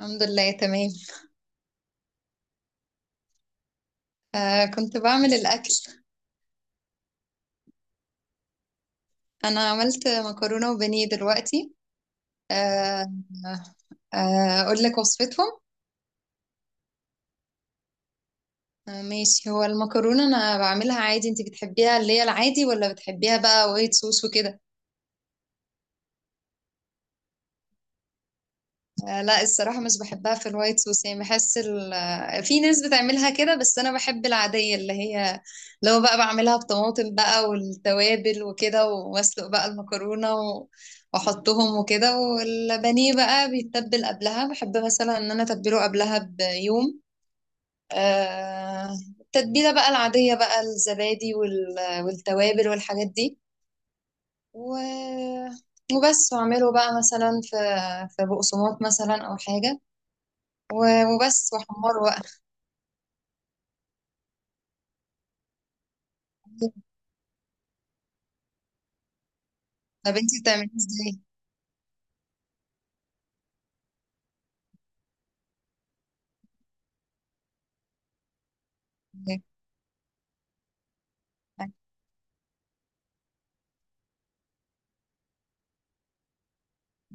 الحمد لله تمام. آه، كنت بعمل الأكل. أنا عملت مكرونة وبانيه دلوقتي. آه. آه. آه، أقول لك وصفتهم. آه، ماشي. هو المكرونة أنا بعملها عادي، أنت بتحبيها اللي هي العادي ولا بتحبيها بقى وايت صوص وكده؟ لا، الصراحة مش بحبها في الوايت صوص، يعني بحس ال... آه، في ناس بتعملها كده، بس أنا بحب العادية اللي هي، لو بقى بعملها بطماطم بقى والتوابل وكده، وأسلق بقى المكرونة وأحطهم وكده. والبانيه بقى بيتبل قبلها، بحب مثلا إن أنا أتبله قبلها بيوم. آه... التتبيلة بقى العادية، بقى الزبادي والتوابل والحاجات دي و... وبس. وأعمله بقى مثلا في بقسماط مثلا أو حاجة وبس وحمار بقى. طب انتي بتعمليه ازاي؟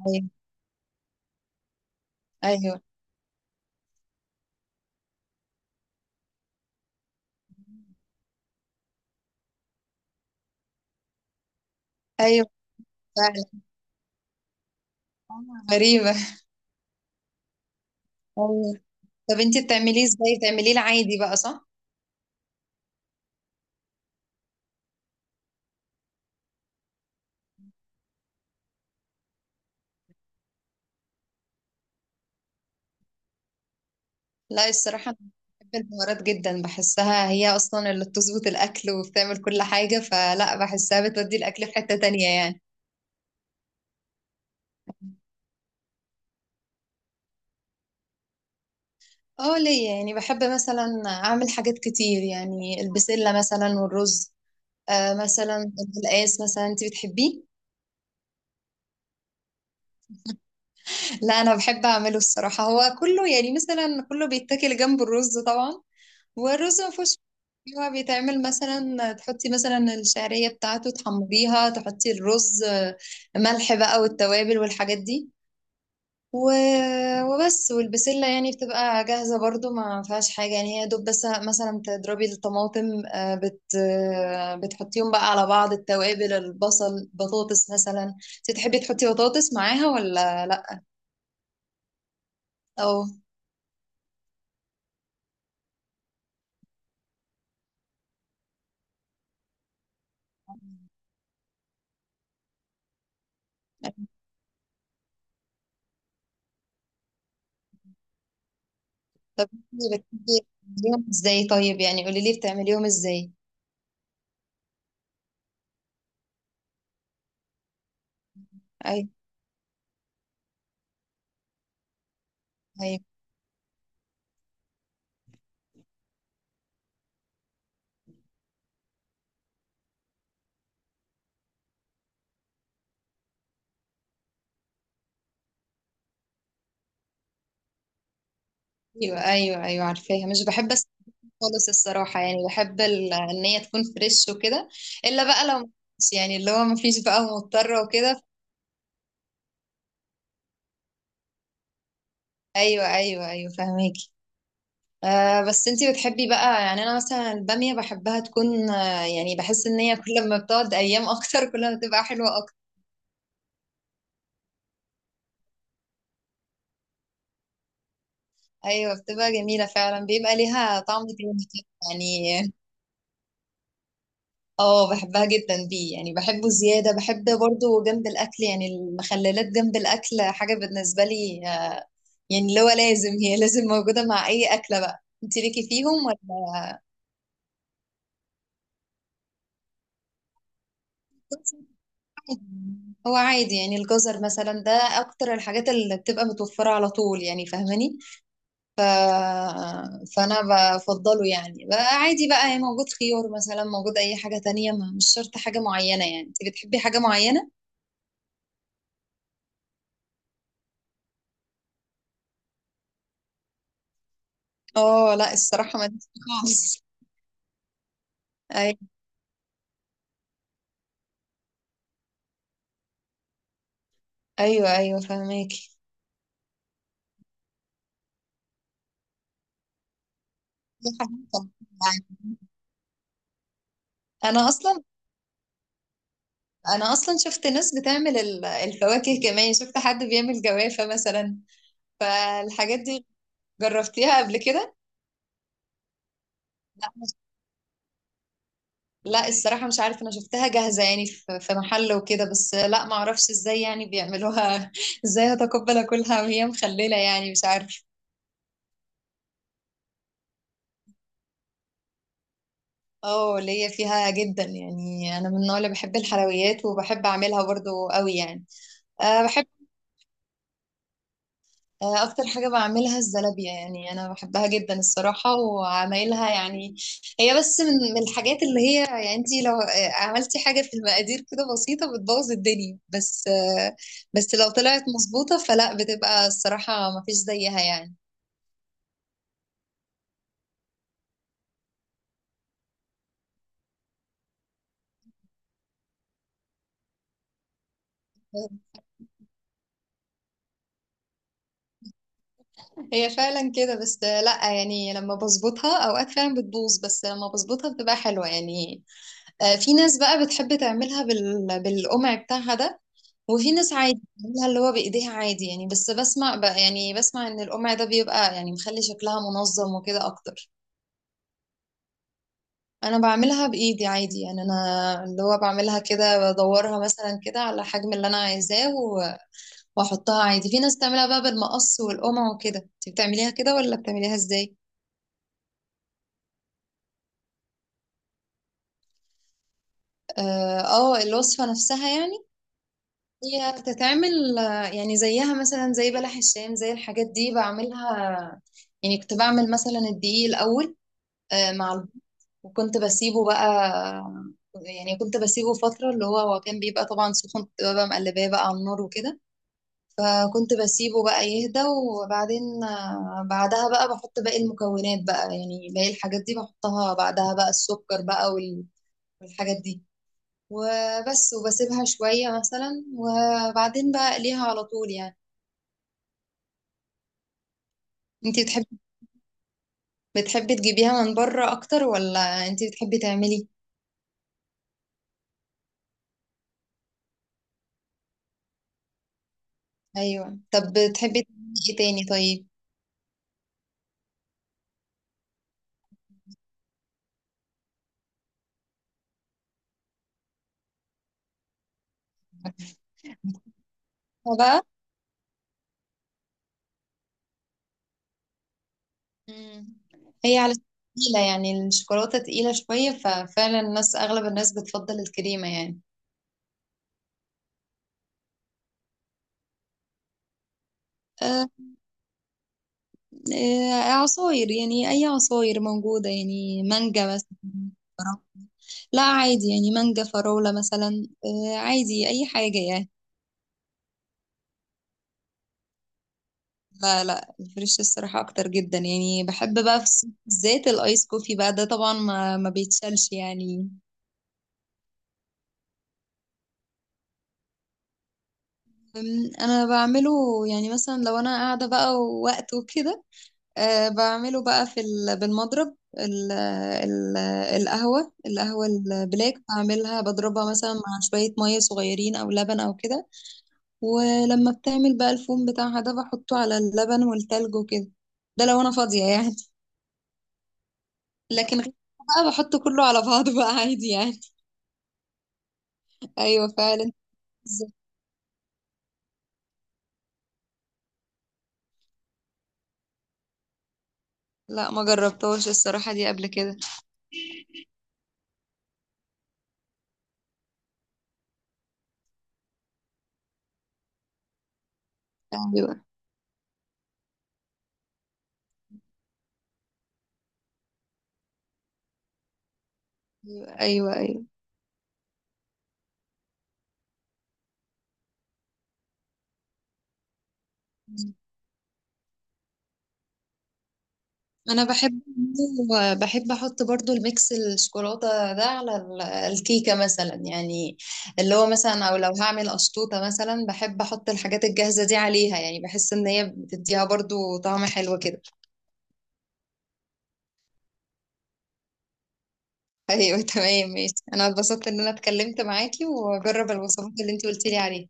ايوه، ايوه، ايوه. فعلا. آه، غريبة. ايوه. طب انتي بتعمليه ازاي؟ بتعمليه العادي بقى صح؟ لا، الصراحة انا بحب البهارات جدا، بحسها هي اصلا اللي بتظبط الاكل وبتعمل كل حاجة، فلا، بحسها بتودي الاكل في حتة تانية يعني. اه، ليا يعني، بحب مثلا اعمل حاجات كتير يعني، البسلة مثلا والرز. مثلا القلقاس، مثلا انتي بتحبيه؟ لا، انا بحب اعمله الصراحه، هو كله يعني مثلا كله بيتاكل جنب الرز طبعا. والرز ما فيهوش. هو بيتعمل مثلا، تحطي مثلا الشعريه بتاعته تحمريها، تحطي الرز، ملح بقى والتوابل والحاجات دي و... وبس. والبسله يعني بتبقى جاهزه برضو، ما فيهاش حاجه يعني، هي دوب بس مثلا تضربي الطماطم، آه، بت... آه، بتحطيهم بقى على بعض، التوابل، البصل، بطاطس مثلا. انت تحبي تحطي بطاطس معاها ولا لا؟ او. طب انتي بتحبي تعمليهم ازاي طيب؟ يعني قولي لي بتعمليهم ازاي. ايوه، ايوه، ايوه، ايوه، ايوه، عارفاها. مش بحب اسلق خالص الصراحه، يعني بحب ان هي تكون فريش وكده. الا بقى لو مفيش، يعني اللي هو مفيش بقى مضطره وكده. ايوه، ايوه، ايوه، فهماكي. آه، بس انتي بتحبي بقى، يعني انا مثلا الباميه بحبها تكون، آه يعني بحس ان هي كل ما بتقعد ايام اكتر، كل ما بتبقى حلوه اكتر. ايوه، بتبقى جميله فعلا، بيبقى ليها طعم تاني كده. يعني اه، بحبها جدا بيه، يعني بحبه زيادة. بحب برضو جنب الأكل يعني المخللات، جنب الأكل حاجة بالنسبة لي، يعني اللي هو لازم، هي لازم موجودة مع أي أكلة بقى. انت ليكي فيهم ولا؟ هو عادي، يعني الجزر مثلا ده أكتر الحاجات اللي بتبقى متوفرة على طول، يعني فاهماني. فأنا بفضله يعني بقى عادي بقى، يعني موجود، خيار مثلا موجود، أي حاجة تانية، مش شرط حاجة معينة يعني. انت بتحبي حاجة معينة؟ اه، لا الصراحة، ما خالص. ايوه، ايوه، فهماكي. دي حقيقة. انا اصلا انا اصلا شفت ناس بتعمل الفواكه، كمان شفت حد بيعمل جوافة مثلا، فالحاجات دي جربتيها قبل كده؟ لا. لا، الصراحة مش عارفة، انا شفتها جاهزة يعني في محل وكده، بس لا، ما اعرفش ازاي يعني بيعملوها ازاي هتقبل اكلها وهي مخللة يعني، مش عارفة. اه، ليا فيها جدا يعني، انا من النوع اللي بحب الحلويات وبحب اعملها برضو قوي يعني. أه بحب آه، اكتر حاجه بعملها الزلابيه، يعني انا بحبها جدا الصراحه وعمايلها يعني. هي بس من الحاجات اللي هي، يعني انت لو عملتي حاجه في المقادير كده بسيطه بتبوظ الدنيا، بس لو طلعت مظبوطه فلا، بتبقى الصراحه مفيش زيها يعني. هي فعلا كده، بس لا يعني لما بظبطها اوقات فعلا بتبوظ، بس لما بظبطها بتبقى حلوه يعني. في ناس بقى بتحب تعملها بالقمع بتاعها ده. وفي ناس عادي بتعملها اللي هو بايديها عادي يعني، بس بسمع بقى، يعني بسمع ان القمع ده بيبقى يعني مخلي شكلها منظم وكده اكتر. انا بعملها بايدي عادي يعني، انا اللي هو بعملها كده، بدورها مثلا كده على الحجم اللي انا عايزاه واحطها عادي. في ناس بتعملها بقى بالمقص والقمع وكده، انت بتعمليها كده ولا بتعمليها ازاي؟ اه، الوصفة نفسها يعني. هي بتتعمل، يعني زيها مثلا زي بلح الشام، زي الحاجات دي بعملها. يعني كنت بعمل مثلا الدقيق الاول، آه، مع الب- وكنت بسيبه بقى، يعني كنت بسيبه فترة، اللي هو كان بيبقى طبعا سخن، كنت ببقى مقلباه بقى على النار وكده. فكنت بسيبه بقى يهدى، وبعدين بعدها بقى بحط باقي المكونات بقى، يعني باقي الحاجات دي بحطها بعدها بقى، السكر بقى والحاجات دي وبس. وبسيبها شوية مثلا وبعدين بقى اقليها على طول يعني. انتي بتحبي تجيبيها من بره اكتر ولا انتي بتحبي تعملي؟ ايوه. طب بتحبي تعملي ايه تاني طيب؟ عارفة. بقى. مم. هي على تقيلة يعني الشوكولاتة تقيلة شوية، ففعلا الناس أغلب الناس بتفضل الكريمة يعني. آه، عصاير، يعني أي عصاير موجودة يعني، مانجا مثلا. فراولة. لا عادي يعني، مانجا، فراولة مثلا، عادي أي حاجة يعني. لا، لا الفريش الصراحة أكتر جدا يعني، بحب بقى في الصيف بالذات الآيس كوفي بقى ده، طبعا ما بيتشالش يعني. أنا بعمله، يعني مثلا لو أنا قاعدة بقى ووقت وكده. بعمله بقى في بالمضرب ال ال القهوة البلاك، بعملها بضربها مثلا مع شوية مية صغيرين أو لبن أو كده. ولما بتعمل بقى الفوم بتاعها ده، بحطه على اللبن والتلج وكده. ده لو أنا فاضية يعني. لكن غير كده بقى بحطه كله على بعضه بقى عادي يعني. أيوة فعلا. لا ما جربتهاش الصراحة دي قبل كده. أيوة، أيوة، أيوة، أيوة. انا بحب احط برضو الميكس الشوكولاته ده على الكيكه مثلا، يعني اللي هو مثلا او لو هعمل اشطوطه مثلا بحب احط الحاجات الجاهزه دي عليها، يعني بحس ان هي بتديها برضو طعم حلو كده. ايوه تمام ماشي. انا اتبسطت ان انا اتكلمت معاكي واجرب الوصفات اللي انت قلتي لي عليها.